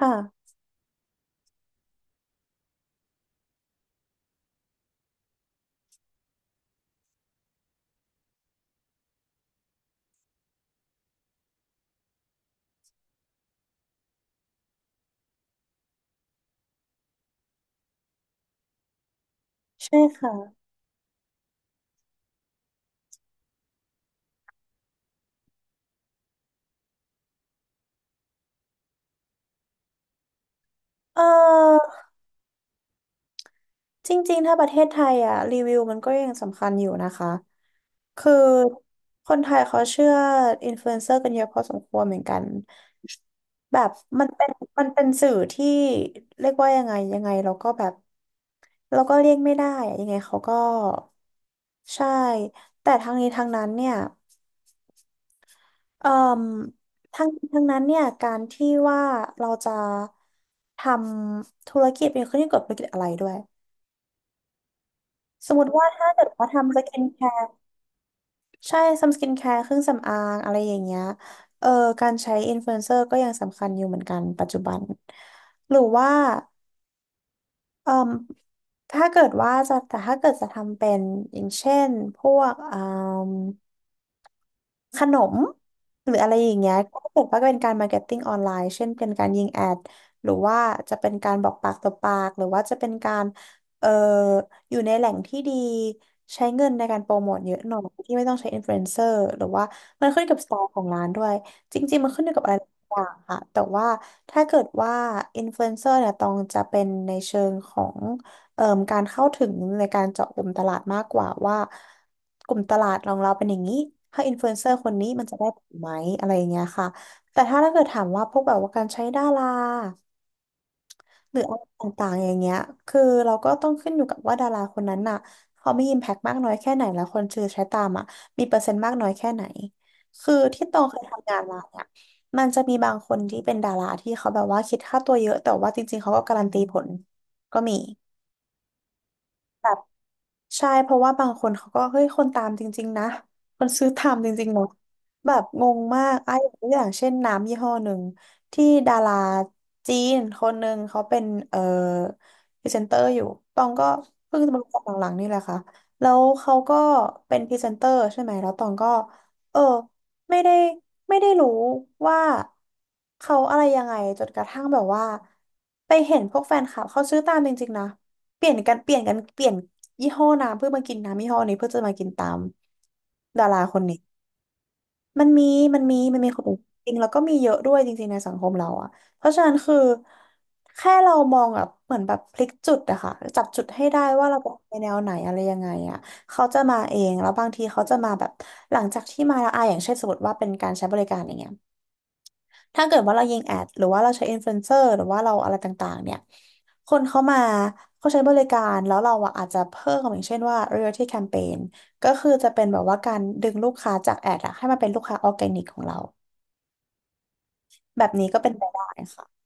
ค่ะ ใช่ค่ะเออจริงๆ ถ้าประเทศไทยอ่ะรีวิวมันก็ยังสำคัญอยู่นะคะ คือคนไทยเขาเชื่ออินฟลูเอนเซอร์กันเยอะพอสมควรเหมือนกัน แบบมันเป็นมันเป็นสื่อที่เรียกว่ายังไงเราก็แบบเราก็เลี่ยงไม่ได้อะยังไงเขาก็ใช่แต่ทางนี้ทางนั้นเนี่ย เอ่อทั้งนั้นเนี่ยการที่ว่าเราจะทำธุรกิจเป็นขึ้นอยู่กับธุรกิจอะไรด้วยสมมติว่าถ้าเกิดว่าทำสกินแคร์ใช่ทำสกินแคร์เครื่องสำอางอะไรอย่างเงี้ยเออการใช้อินฟลูเอนเซอร์ก็ยังสำคัญอยู่เหมือนกันปัจจุบันหรือว่าเอ่มถ้าเกิดว่าจะแต่ถ้าเกิดจะทำเป็นอย่างเช่นพวกเอ่า ขนมหรืออะไรอย่างเงี้ยก็ถือว่าเป็นการมาร์เก็ตติ้งออนไลน์เช่นเป็นการยิงแอดหรือว่าจะเป็นการบอกปากต่อปากหรือว่าจะเป็นการเอ่ออยู่ในแหล่งที่ดีใช้เงินในการโปรโมทเยอะหน่อยที่ไม่ต้องใช้อินฟลูเอนเซอร์หรือว่ามันขึ้นอยู่กับสไตล์ของร้านด้วยจริงๆมันขึ้นอยู่กับอะไรหลายอย่างค่ะแต่ว่าถ้าเกิดว่าอินฟลูเอนเซอร์เนี่ยต้องจะเป็นในเชิงของ เอ่อการเข้าถึงในการเจาะกลุ่มตลาดมากกว่าว่ากลุ่มตลาดของเราเป็นอย่างนี้ถ้าอินฟลูเอนเซอร์คนนี้มันจะได้ผลไหมอะไรอย่างเงี้ยค่ะแต่ถ้าเกิดถามว่าพวกแบบว่าการใช้ดาราหรืออะไรต่างๆอย่างเงี้ยคือเราก็ต้องขึ้นอยู่กับว่าดาราคนนั้นน่ะเขามีอิมแพกมากน้อยแค่ไหนแล้วคนชื่อใช้ตามอ่ะมีเปอร์เซ็นต์มากน้อยแค่ไหนคือที่ตองเคยทำงานมาเนี่ยมันจะมีบางคนที่เป็นดาราที่เขาแบบว่าคิดค่าตัวเยอะแต่ว่าจริงๆเขาก็การันตีผลก็มี ใช่เพราะว่าบางคนเขาก็เฮ้ยคนตามจริงๆนะคนซื้อตามจริงๆเนาะแบบงงมากไอ้ตัวอย่างเช่นน้ำยี่ห้อหนึ่งที่ดาราจีนคนหนึ่งเขาเป็นพรีเซนเตอร์อยู่ตองก็เพิ่งจะมารู้จักหลังๆนี่แหละค่ะแล้วเขาก็เป็นพรีเซนเตอร์ใช่ไหมแล้วตองก็เออไม่ได้ไม่ได้รู้ว่าเขาอะไรยังไงจนกระทั่งแบบว่าไปเห็นพวกแฟนคลับเขาซื้อตามจริงๆนะ เปลี่ยนกันเปลี่ยนกันเปลี่ยนยี่ห้อน้ำเพื่อมากินน้ำยี่ห้อนี้เพื่อจะมากินตามดาราคนนี้มันมีมันมีคนจริงแล้วก็มีเยอะด้วยจริงๆในสังคมเราอะเพราะฉะนั้นคือแค่เรามองแบบเหมือนแบบพลิกจุดอะค่ะจับจุดให้ได้ว่าเราจะไปแนวไหนอะไรยังไงอะเขาจะมาเองแล้วบางทีเขาจะมาแบบหลังจากที่มาแล้วอะอย่างเช่นสมมติว่าเป็นการใช้บริการอย่างเงี้ย ถ้าเกิดว่าเรายิงแอดหรือว่าเราใช้อินฟลูเอนเซอร์หรือว่าเราอะไรต่างๆเนี่ยคนเข้ามาเขาใช้บริการแล้วเราอะอาจจะเพิ่มอย่างเช่นว่า loyalty campaign ก็คือจะเป็นแบบว่าการดึงลูกค้าจากแอดอะให้มาเป็นลูกค้าออร์แกนิกของเราแบบนี้ก็เป็นไปได้ค่ะ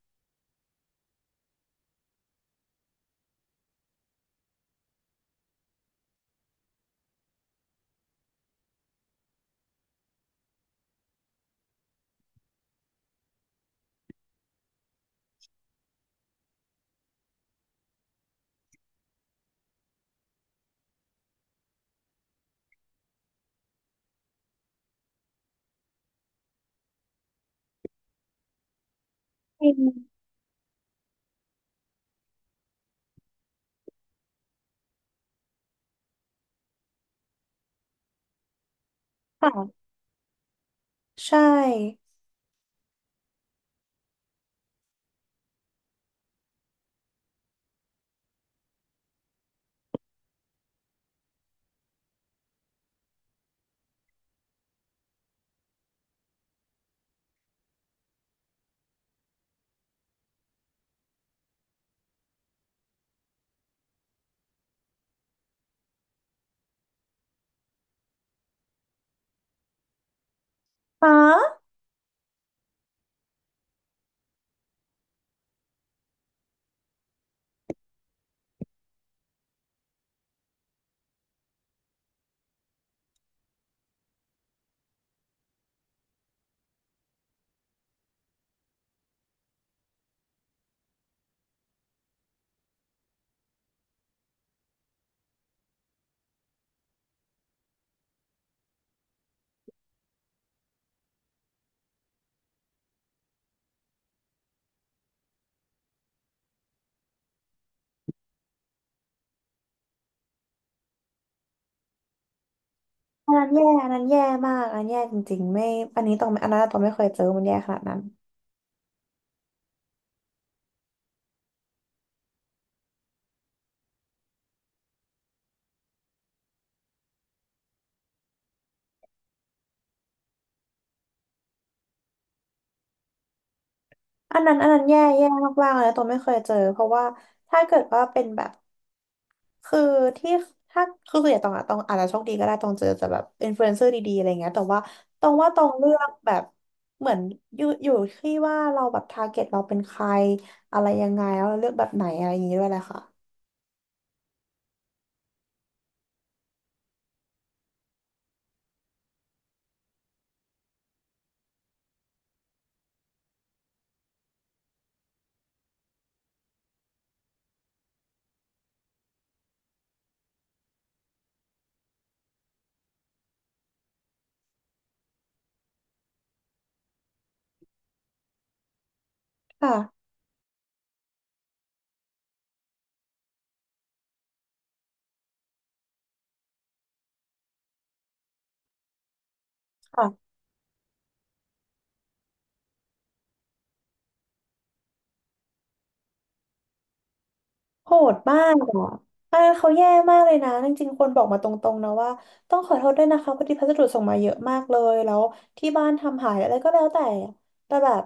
อืมค่ะใช่อ๋ออันนั้นแย่อันนั้นแย่มากอันนั้นแย่จริงๆไม่อันนี้ต้องไม่อันนั้นต้องไม่เคยเจอมันแย่ขนาดนั้น อันนั้นแย่มากๆเลยนะตัวไม่เคยเจอเพราะว่าถ้าเกิดว่าเป็นแบบคือที่ถ้าคือส่วนใหญ่ตองอะตองอาจจะโชคดีก็ได้ตองเจอแต่แบบอินฟลูเอนเซอร์ดีๆอะไรเงี้ยแต่ว่าตองว่าตองเลือกแบบเหมือนอยู่ที่ว่าเราแบบทาร์เก็ตเราเป็นใครอะไรยังไงแล้วเราเลือกแบบไหนอะไรอย่างงี้ด้วยแหละค่ะค่ะ โหดมากอ่ะเขาแย่มากเลยนะจริงๆคนบอกมาตรงๆนะว่าต้องขอโทษด้วยนะคะพอดีพัสดุส่งมาเยอะมากเลยแล้วที่บ้านทำหายอะไรก็แล้วแต่แต่แบบ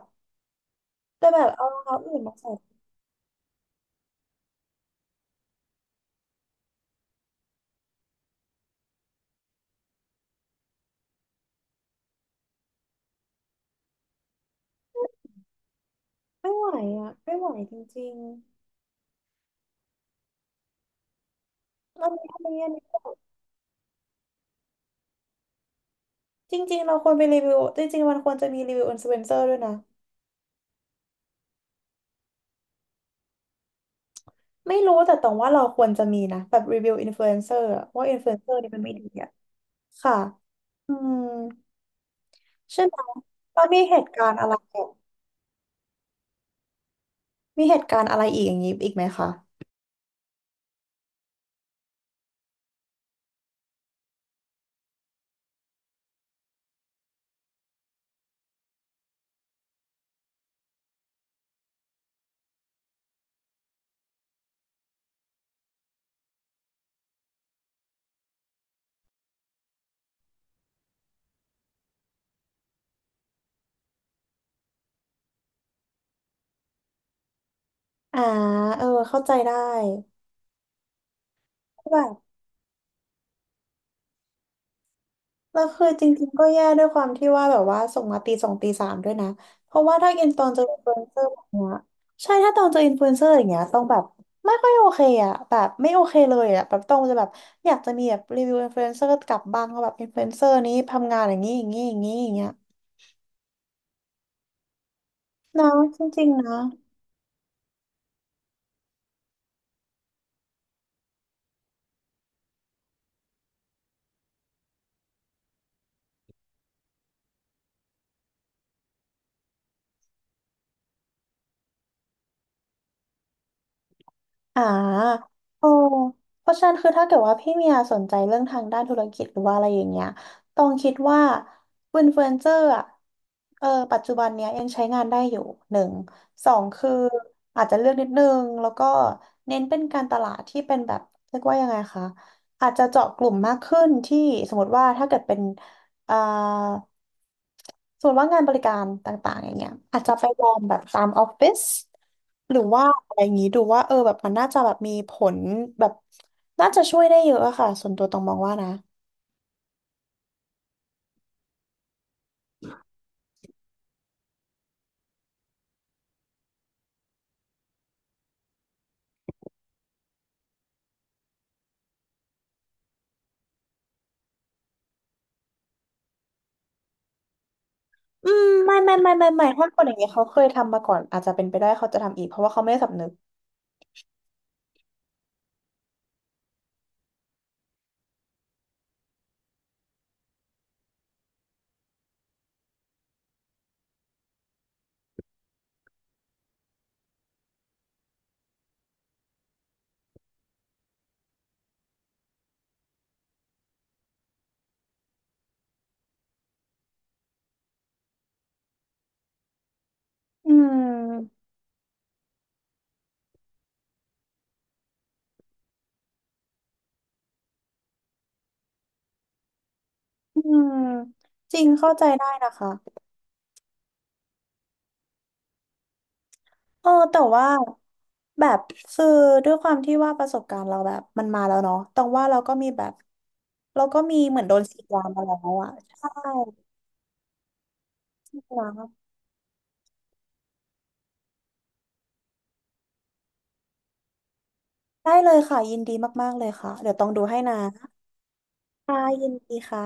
แต่แบบเอารองเท้าอื่นมาใส่ไม่ไหวอ่ะไม่ไหวจริงๆอันนี้จริงๆเราควรไปรีวิวจริงๆมันควรจะมีรีวิวอินฟลูเอนเซอร์ด้วยนะไม่รู้แต่ตรงว่าเราควรจะมีนะแบบรีวิวอินฟลูเอนเซอร์ว่าอินฟลูเอนเซอร์นี่มันไม่ดีอ่ะค่ะอืมใช่ไหมตอนมีเหตุการณ์อะไร มีเหตุการณ์อะไรอีกอย่างนี้อีกไหมคะอ่าเออเข้าใจได้แบบแล้วคือจริงๆก็แย่ด้วยความที่ว่าแบบว่าส่งมาตีสองตีสามด้วยนะเพราะว่าถ้าอินตอนเจออินฟลูเอนเซอร์แบบเนี้ยใช่ถ้าตอนเจออินฟลูเอนเซอร์อย่างเงี้ยต้องแบบไม่ค่อยโอเคอ่ะแบบไม่โอเคเลยอ่ะแบบต้องจะแบบอยากจะมีแบบรีวิวอินฟลูเอนเซอร์กลับบ้างว่าแบบอินฟลูเอนเซอร์นี้ทำงานอย่างนี้อย่างเงี้ยนะจริงๆนะ อ่าโอ้เพราะฉะนั้นคือถ้าเกิดว่าพี่เมียสนใจเรื่องทางด้านธุรกิจหรือว่าอะไรอย่างเงี้ยต้องคิดว่าอินฟลูเอนเซอร์อ่ะเออปัจจุบันเนี้ยยังใช้งานได้อยู่หนึ่งสองคืออาจจะเลือกนิดนึงแล้วก็เน้นเป็นการตลาดที่เป็นแบบเรียกว่ายังไงคะอาจจะเจาะกลุ่มมากขึ้นที่สมมติว่าถ้าเกิดเป็น เอ่อส่วนว่างานบริการต่างๆอย่างเงี้ยอาจจะไปลองแบบตามออฟฟิศหรือว่าอะไรอย่างงี้ดูว่าเออแบบมันน่าจะแบบมีผลแบบน่าจะช่วยได้เยอะอะค่ะส่วนตัวต้องมองว่านะอืมไม่ถ้าคนอย่างเงี้ยเขาเคยทำมาก่อนอาจจะเป็นไปได้เขาจะทำอีกเพราะว่าเขาไม่ได้สำนึกอืมอืมจริงเข้าใจได้นะคะ เออแต่ว่าแบบคือด้วยความที่ว่าประสบการณ์เราแบบมันมาแล้วเนาะแต่ว่าเราก็มีแบบเราก็มีเหมือนโดนฉีดยามาแล้วอ่ะใช่ะได้เลยค่ะยินดีมากๆเลยค่ะเดี๋ยวต้องดูให้นะค่ะยินดีค่ะ